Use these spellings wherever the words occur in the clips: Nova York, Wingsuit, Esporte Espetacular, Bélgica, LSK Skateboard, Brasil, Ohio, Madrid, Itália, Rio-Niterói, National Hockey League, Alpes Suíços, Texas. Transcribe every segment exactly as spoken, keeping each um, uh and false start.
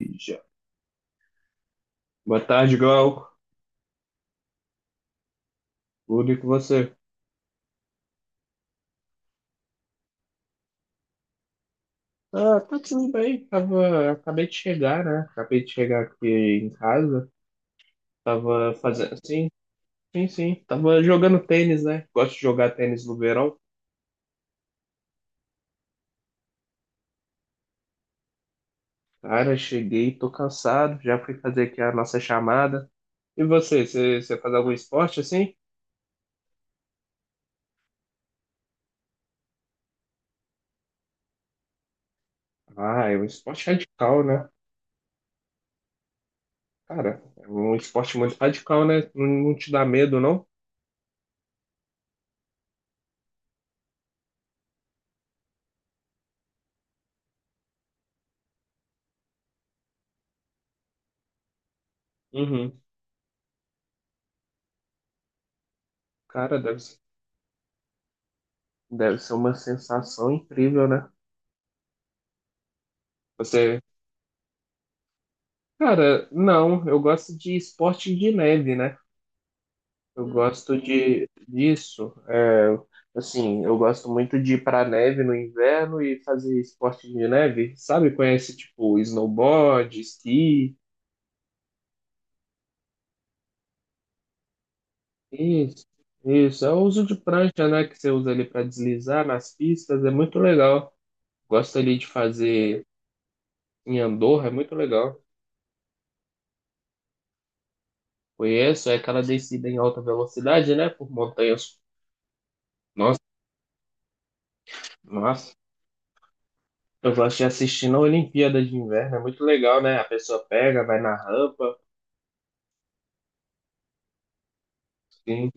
Já. Boa tarde, Glauco. Tudo e com você? Ah, tá tudo bem. Tava, acabei de chegar, né? Acabei de chegar aqui em casa. Tava fazendo. Sim, sim, sim. Tava jogando tênis, né? Gosto de jogar tênis no verão. Cara, cheguei, tô cansado. Já fui fazer aqui a nossa chamada. E você, você, você faz algum esporte assim? Ah, é um esporte radical, né? Cara, é um esporte muito radical, né? Não, não te dá medo, não? Uhum. Cara, deve, ser- deve ser uma sensação incrível, né? Você, cara, não, eu gosto de esporte de neve, né? Eu gosto Hum, de disso. É, assim, eu gosto muito de ir pra neve no inverno e fazer esporte de neve, sabe? Conhece tipo snowboard, esqui, isso, isso. É o uso de prancha, né? Que você usa ali pra deslizar nas pistas, é muito legal. Gosto ali de fazer em Andorra, é muito legal. Conheço, é aquela descida em alta velocidade, né? Por montanhas. Nossa, nossa. Eu gosto de assistir na Olimpíada de Inverno, é muito legal, né? A pessoa pega, vai na rampa. Sim,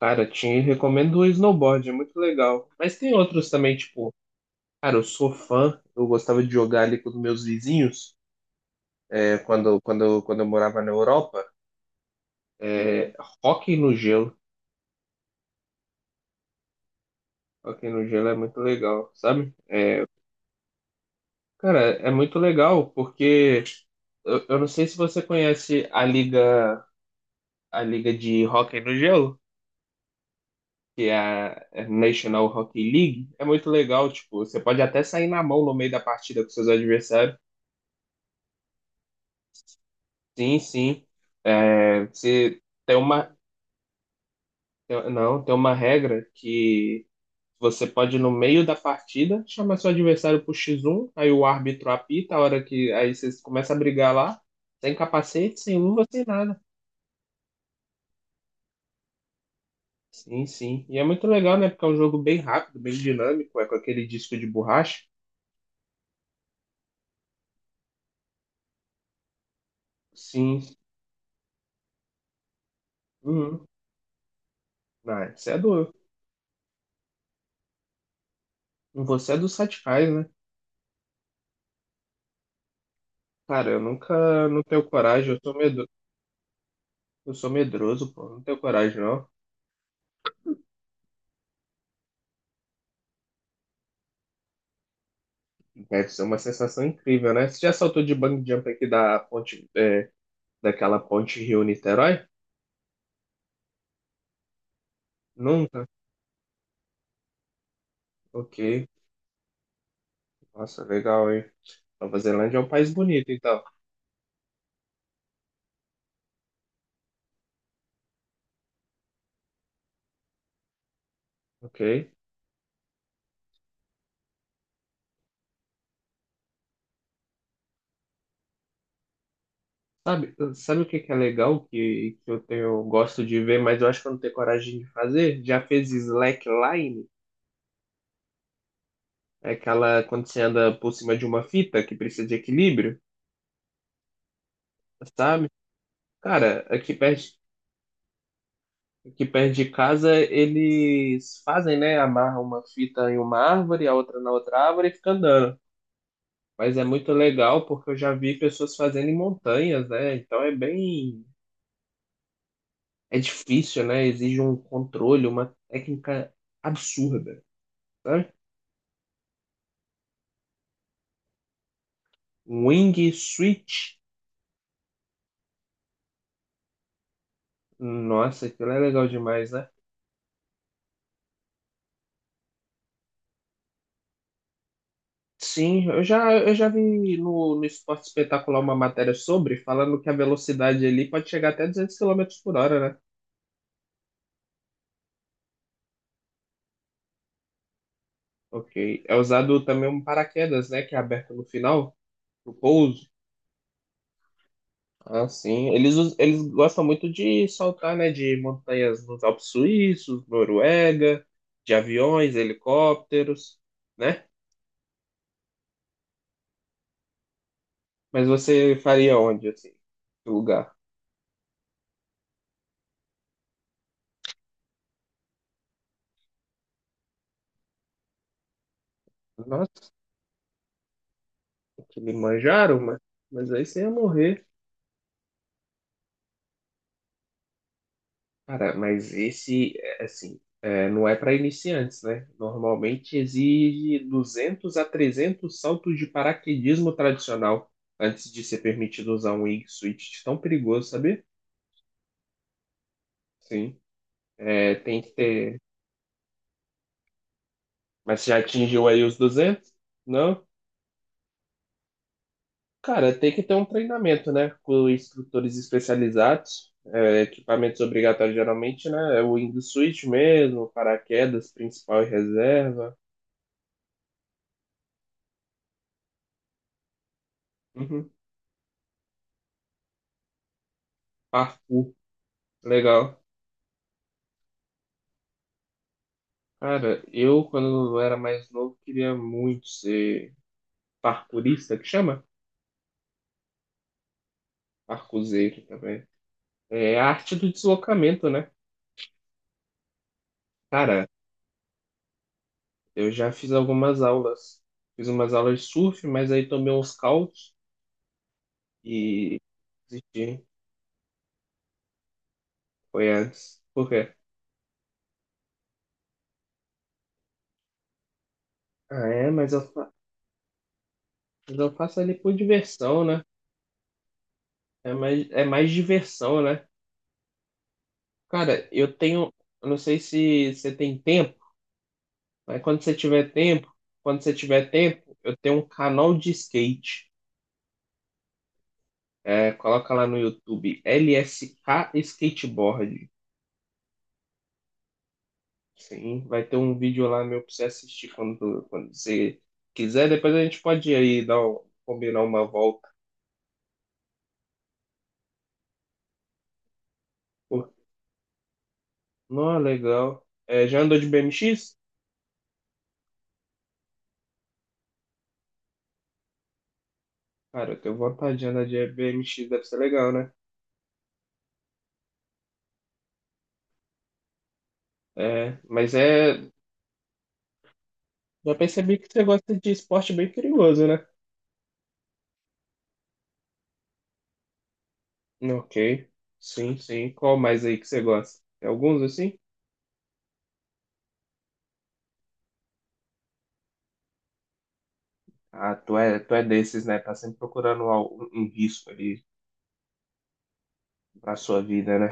cara, te recomendo o snowboard, é muito legal. Mas tem outros também, tipo, cara, eu sou fã, eu gostava de jogar ali com os meus vizinhos, é, quando, quando, quando eu morava na Europa. É, hóquei no gelo. Hóquei no gelo é muito legal, sabe? É, cara, é muito legal porque eu, eu não sei se você conhece a liga, a liga de hóquei no gelo. Que é a é National Hockey League, é muito legal, tipo, você pode até sair na mão no meio da partida com seus adversários. Sim, sim. É, você tem uma, tem- não, tem uma regra que você pode no meio da partida chamar seu adversário pro xis um, aí o árbitro apita a hora que aí vocês começam a brigar lá, sem capacete, sem luva, sem nada. Sim, sim. E é muito legal, né? Porque é um jogo bem rápido, bem dinâmico, é com aquele disco de borracha. Sim. Uhum. Ah, isso é doido. Você é dos radicais, né? Cara, eu nunca não tenho coragem, eu sou medo, eu sou medroso, pô, não tenho coragem, não. Deve ser uma sensação incrível, né? Você já saltou de bungee jump aqui da ponte, é, daquela ponte Rio-Niterói? Nunca? Ok. Nossa, legal, hein? Nova Zelândia é um país bonito, então. Ok. Sabe, sabe o que que é legal que, que eu tenho, eu gosto de ver, mas eu acho que eu não tenho coragem de fazer? Já fez slackline? É aquela quando você anda por cima de uma fita que precisa de equilíbrio, sabe? Cara, aqui perto, aqui perto de casa eles fazem, né? Amarram uma fita em uma árvore, a outra na outra árvore e fica andando. Mas é muito legal porque eu já vi pessoas fazendo em montanhas, né? Então é bem. É difícil, né? Exige um controle, uma técnica absurda, sabe? Um Wing Switch. Nossa, aquilo é legal demais, né? Sim, eu já, eu já vi no, no Esporte Espetacular uma matéria sobre, falando que a velocidade ali pode chegar até duzentos quilômetros por hora, né? Ok. É usado também um paraquedas, né? Que é aberto no final, no pouso. Ah, sim. Eles, us- eles gostam muito de saltar, né? De montanhas nos Alpes Suíços, Noruega, de aviões, helicópteros, né? Mas você faria onde, assim? Que lugar? Nossa, que lhe manjaram, mas, mas aí você ia morrer. Cara, mas esse, é, assim, é, não é para iniciantes, né? Normalmente exige duzentos a trezentos saltos de paraquedismo tradicional antes de ser permitido usar um Wingsuit tão perigoso, sabe? Sim, é, tem que ter. Mas você já atingiu aí os duzentos? Não? Cara, tem que ter um treinamento, né? Com instrutores especializados, é, equipamentos obrigatórios geralmente, né? É o wingsuit mesmo, paraquedas principal e reserva. Uhum. Parkour, legal. Cara, eu, quando eu era mais novo, queria muito ser parkourista, que chama? Parkourzeiro também. É a arte do deslocamento, né? Cara, eu já fiz algumas aulas. Fiz umas aulas de surf, mas aí tomei uns caldos e desisti. Foi antes. Por quê? Ah, é, mas eu, fa- mas eu faço ali por diversão, né? É mais, é mais diversão, né? Cara, eu tenho. Eu não sei se você tem tempo. Mas quando você tiver tempo, quando você tiver tempo, eu tenho um canal de skate. É, coloca lá no YouTube, L S K Skateboard. Sim, vai ter um vídeo lá meu pra você assistir quando, quando você quiser. Depois a gente pode ir aí dar um- combinar uma volta. Pô, não, legal. É, já andou de B M X? Cara, eu tenho vontade de andar de B M X, deve ser legal, né? É, mas é. Já percebi que você gosta de esporte bem perigoso, né? Ok. Sim, sim. Qual mais aí que você gosta? Tem alguns assim? Ah, tu é, tu é desses, né? Tá sempre procurando al- um, um risco ali pra sua vida, né?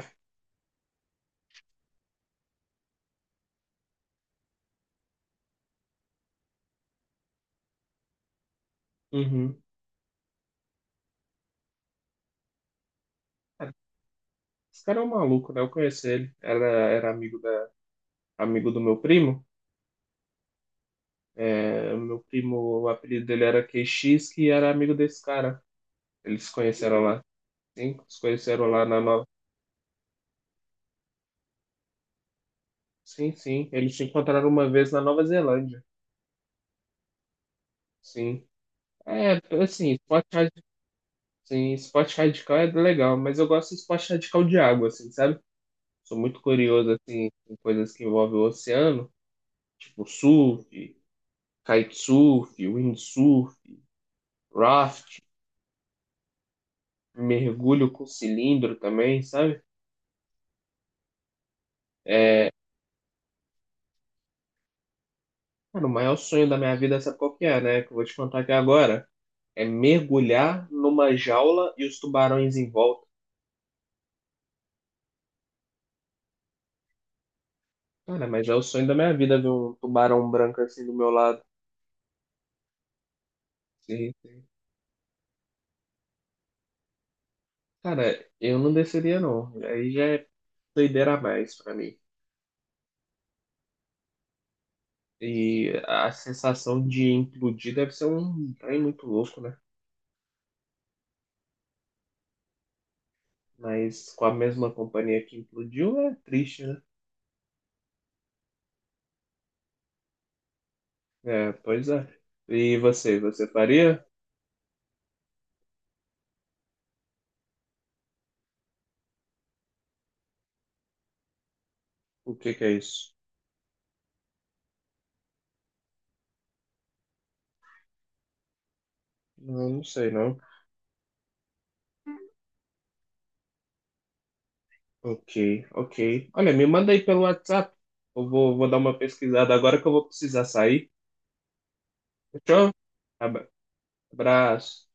Uhum. É, esse cara é um maluco, né? Eu conheci ele. Era, era amigo, da, amigo do meu primo. É, o meu primo, o apelido dele era Q X, que era amigo desse cara. Eles se conheceram lá. Sim, se conheceram lá na Nova. Sim, sim. Eles se encontraram uma vez na Nova Zelândia. Sim. É, assim, pode Sim, esporte radical é legal, mas eu gosto de esporte radical de água, assim, sabe? Sou muito curioso, assim, em coisas que envolvem o oceano, tipo surf, kitesurf, windsurf, raft, mergulho com cilindro também, sabe? Cara, o maior sonho da minha vida, sabe qual que é, né? Que eu vou te contar aqui agora. É mergulhar numa jaula e os tubarões em volta. Cara, mas é o sonho da minha vida ver um tubarão branco assim do meu lado. Sim. Cara, eu não desceria não. Aí já é doideira a mais pra mim. E a sensação de implodir deve ser um trem muito louco, né? Mas com a mesma companhia que implodiu é triste, né? É, pois é. E você, você faria? O que que é isso? Não, não sei não. Ok, ok. Olha, me manda aí pelo WhatsApp. Eu vou, vou dar uma pesquisada agora que eu vou precisar sair. Fechou? Abra- Abraço.